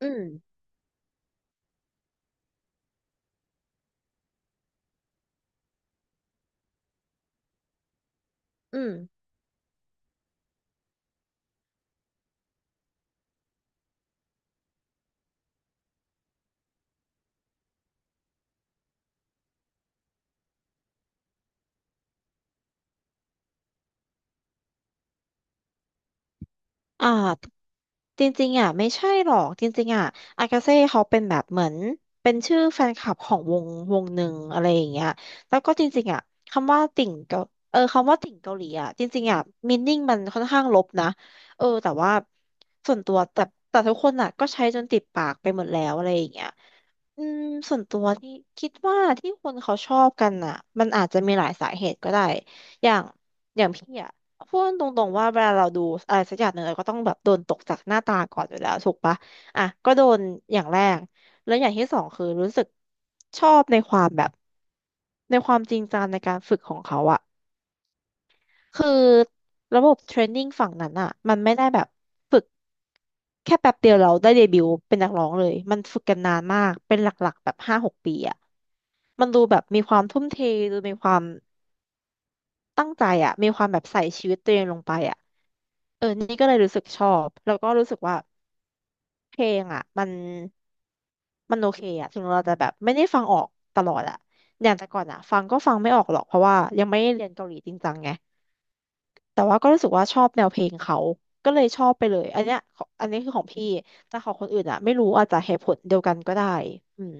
อืมอืม อ่าจริงๆอ่ะไม่ใช่หรอก จริงๆอ่ะอากาเซ่เขาเป็นแบบเหมือนเป็นชื่อแฟนคลับของวงหนึ่งอะไรอย่างเงี้ยแล้วก็จริงๆอ่ะคำว่าติ่งเกาคำว่าติ่งเกาหลีอ่ะจริงๆอ่ะมีนิ่งมันค่อนข้างลบนะเออแต่ว่าส่วนตัวแต่ทุกคนอ่ะก็ใช้จนติดปากไปหมดแล้วอะไรอย่างเงี้ยอืม ส่วนตัวที่คิดว่าที่คนเขาชอบกันอ่ะมันอาจจะมีหลายสาเหตุก็ได้อย่าง เนี่ยพูดตรงๆว่าเวลาเราดูอะไรสักอย่างหนึ่งเราก็ต้องแบบโดนตกจากหน้าตาก่อนอยู่แล้วถูกปะอ่ะก็โดนอย่างแรกแล้วอย่างที่สองคือรู้สึกชอบในความแบบในความจริงจังในการฝึกของเขาอะคือระบบเทรนนิ่งฝั่งนั้นอะมันไม่ได้แบบฝึกแค่แป๊บเดียวเราได้เดบิวต์เป็นนักร้องเลยมันฝึกกันนานมากเป็นหลักๆแบบห้าหกปีอะมันดูแบบมีความทุ่มเทดูมีความตั้งใจอะมีความแบบใส่ชีวิตตัวเองลงไปอะ เออนี่ก็เลยรู้สึกชอบแล้วก็รู้สึกว่าเพลงอ่ะมันโอเคอ่ะถึงเราจะแบบไม่ได้ฟังออกตลอดอ่ะอย่างแต่ก่อนอ่ะฟังก็ฟังไม่ออกหรอกเพราะว่ายังไม่ได้เรียนเกาหลีจริงจังไงแต่ว่าก็รู้สึกว่าชอบแนวเพลงเขาก็เลยชอบไปเลยอันเนี้ยของอันนี้คือของพี่แต่ของคนอื่นอ่ะไม่รู้อาจจะเหตุผลเดียวกันก็ได้อืม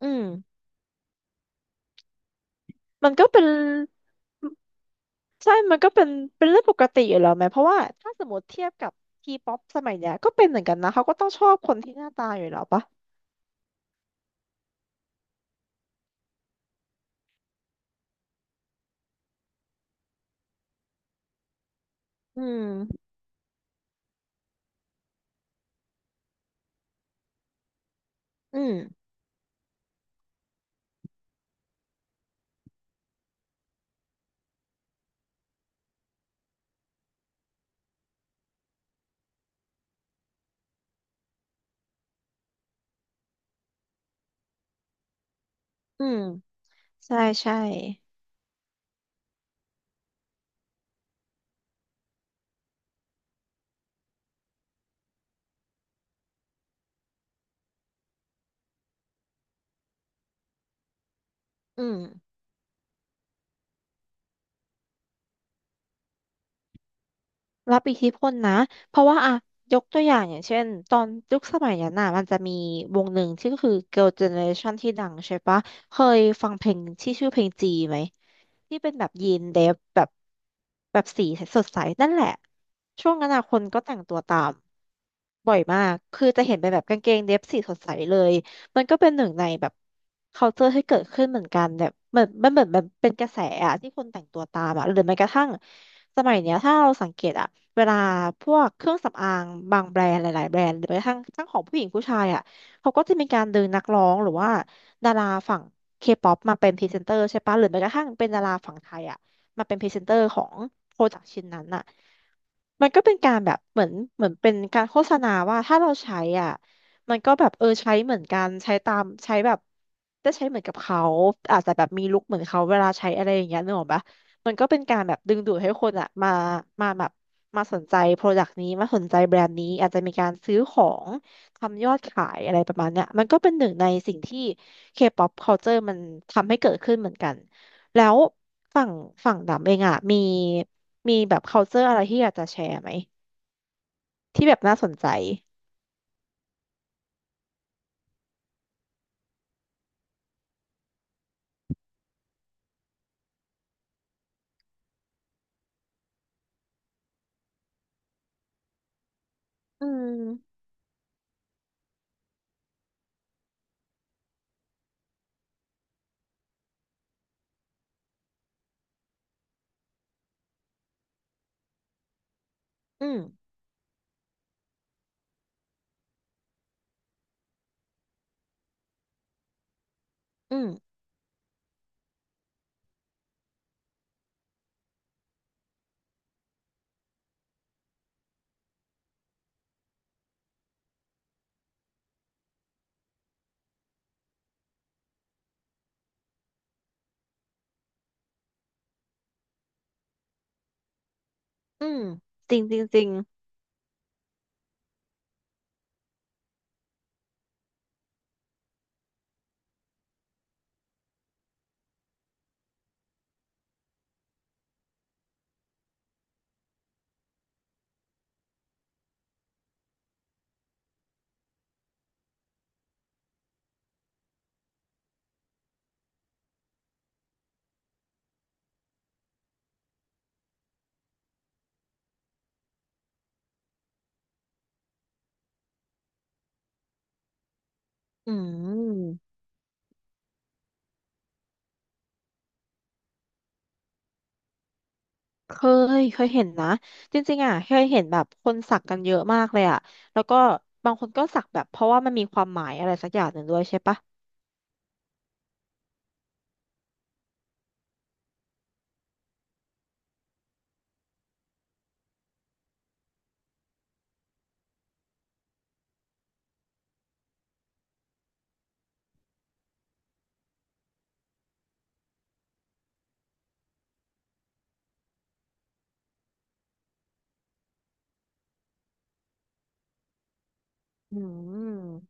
อืมมันก็เป็นใช่มันก็เป็นเป็นเรื่องปกติอยู่แล้วไหมเพราะว่าถ้าสมมติเทียบกับทีป๊อปสมัยเนี้ยก็เป็นเหมือนกันนะเขาก็ต้องชอบคนที่หน้าตาอยู่แล้วปะ อืม อืม อืม ใช่ ใช่ อืม รับอิทธิพลนะ เพราะว่าอะยกตัวอย่างอย่างเช่น ตอนยุคสมัยนั้นน่ะมันจะมีวงหนึ่งที่ก็คือ Girl Generation ที่ดังใช่ปะ เคยฟังเพลงที่ชื่อเพลงจีไหม ที่เป็นแบบยีนเดฟแบบแบบสีสดใสนั่นแหละช่วงนั้นอะคนก็แต่งตัวตามบ่อยมากคือจะเห็นเป็นแบบกางเกงเดฟสีสดใสเลยมันก็เป็นหนึ่งในแบบ culture ที่เกิดขึ้นเหมือนกันแบบเหมือนมันเป็นกระแสอะที่คนแต่งตัวตามอะหรือแม้กระทั่งสมัยเนี้ยถ้าเราสังเกตอะเวลาพวกเครื่องสำอางบางแบรนด์หลายๆแบรนด์หรือแม้กระทั่งทั้งของผู้หญิงผู้ชายอะเขาก็จะมีการดึงนักร้องหรือว่า ดาราฝั่งเคป๊อปมาเป็นพรีเซนเตอร์ใช่ปะหรือแม้กระทั่งเป็นดาราฝั่งไทยอ่ะมาเป็นพรีเซนเตอร์ของโปรดักต์ชิ้นนั้นอ่ะ มันก็เป็นการแบบเหมือนเป็นการโฆษณาว่าถ้าเราใช้อ่ะมันก็แบบเออใช้เหมือนกันใช้ตามใช้แบบได้ใช้เหมือนกับเขาอาจจะแบบมีลุคเหมือนเขาเวลาใช้อะไรอย่างเงี้ยนึกออกปะมันก็เป็นการแบบดึงดูดให้คนอ่ะมาแบบมาสนใจโปรดักต์นี้มาสนใจแบรนด์นี้อาจจะมีการซื้อของทำยอดขายอะไรประมาณเนี้ยมันก็เป็นหนึ่งในสิ่งที่ K-pop culture มันทำให้เกิดขึ้นเหมือนกัน แล้วฝั่งฝั่งดำเองอ่ะมีแบบ culture อะไรที่อยากจะแชร์ไหมที่แบบน่าสนใจอืมอืมอืมอืมจริงจริงจริงอืมเคเคยเห็นนะจริงๆอ่ะเคยเห็นแบบคนสักกันเยอะมากเลยอ่ะแล้วก็บางคนก็สักแบบเพราะว่ามันมีความหมายอะไรสักอย่างหนึ่งด้วยใช่ปะอืม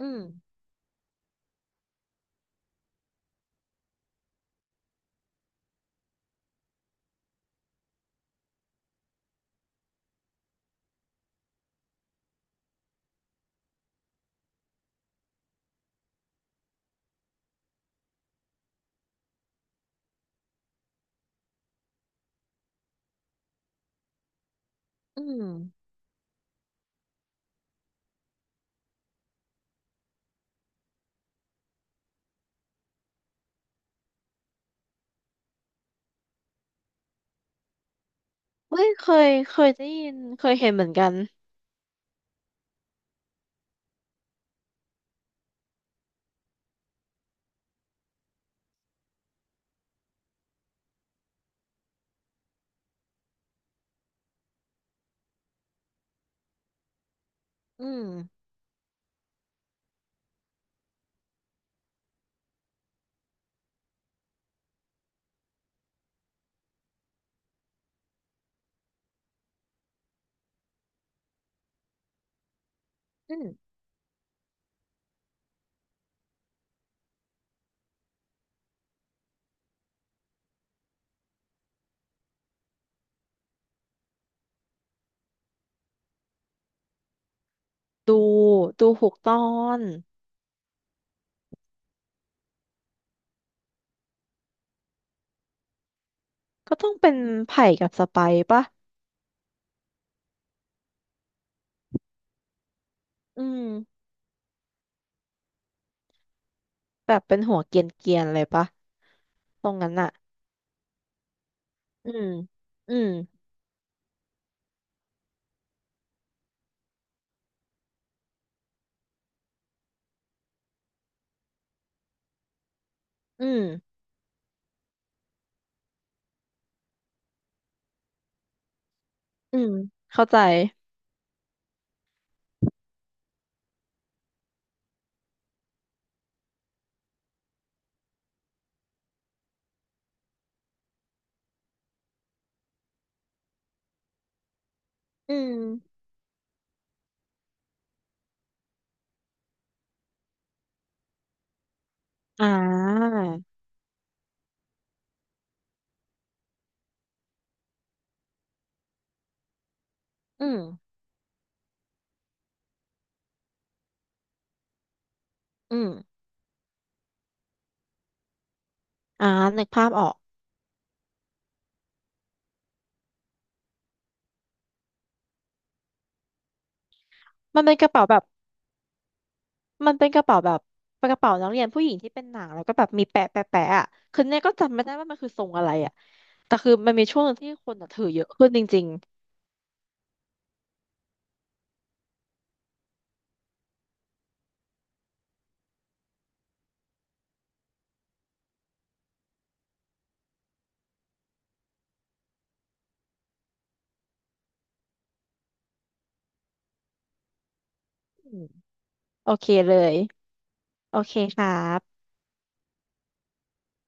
อืมอืมเฮ้ยเคยได้ยินเคยเห็นเหมือนกันอืมอืมดูดูหูกตอน ก็ต้องเป็นไผ่กับสไปร์ป่ะอืมแบบเป็นหัวเกรียนเกียนเลยป่ะตรงนั้นอะอืมอืมอืมอืมเข้าใจอืมอ่าอืมอืมอ่านึกภาพออกมันเป็นกระเป๋าแบบมันเป็นกระเป๋าแบบเป็นกระเป๋านักเรียนผู้หญิงที่เป็นหนังแล้วก็แบบมีแปะแปะแปะอะคือเนี่ยก็จำไม่ได้ว่ามันคือทรงอะไรอะแต่คือมันมีช่วงหนึ่งที่คนอะถือเยอะขึ้นจริงๆอืมโอเคเลย โอเคครับ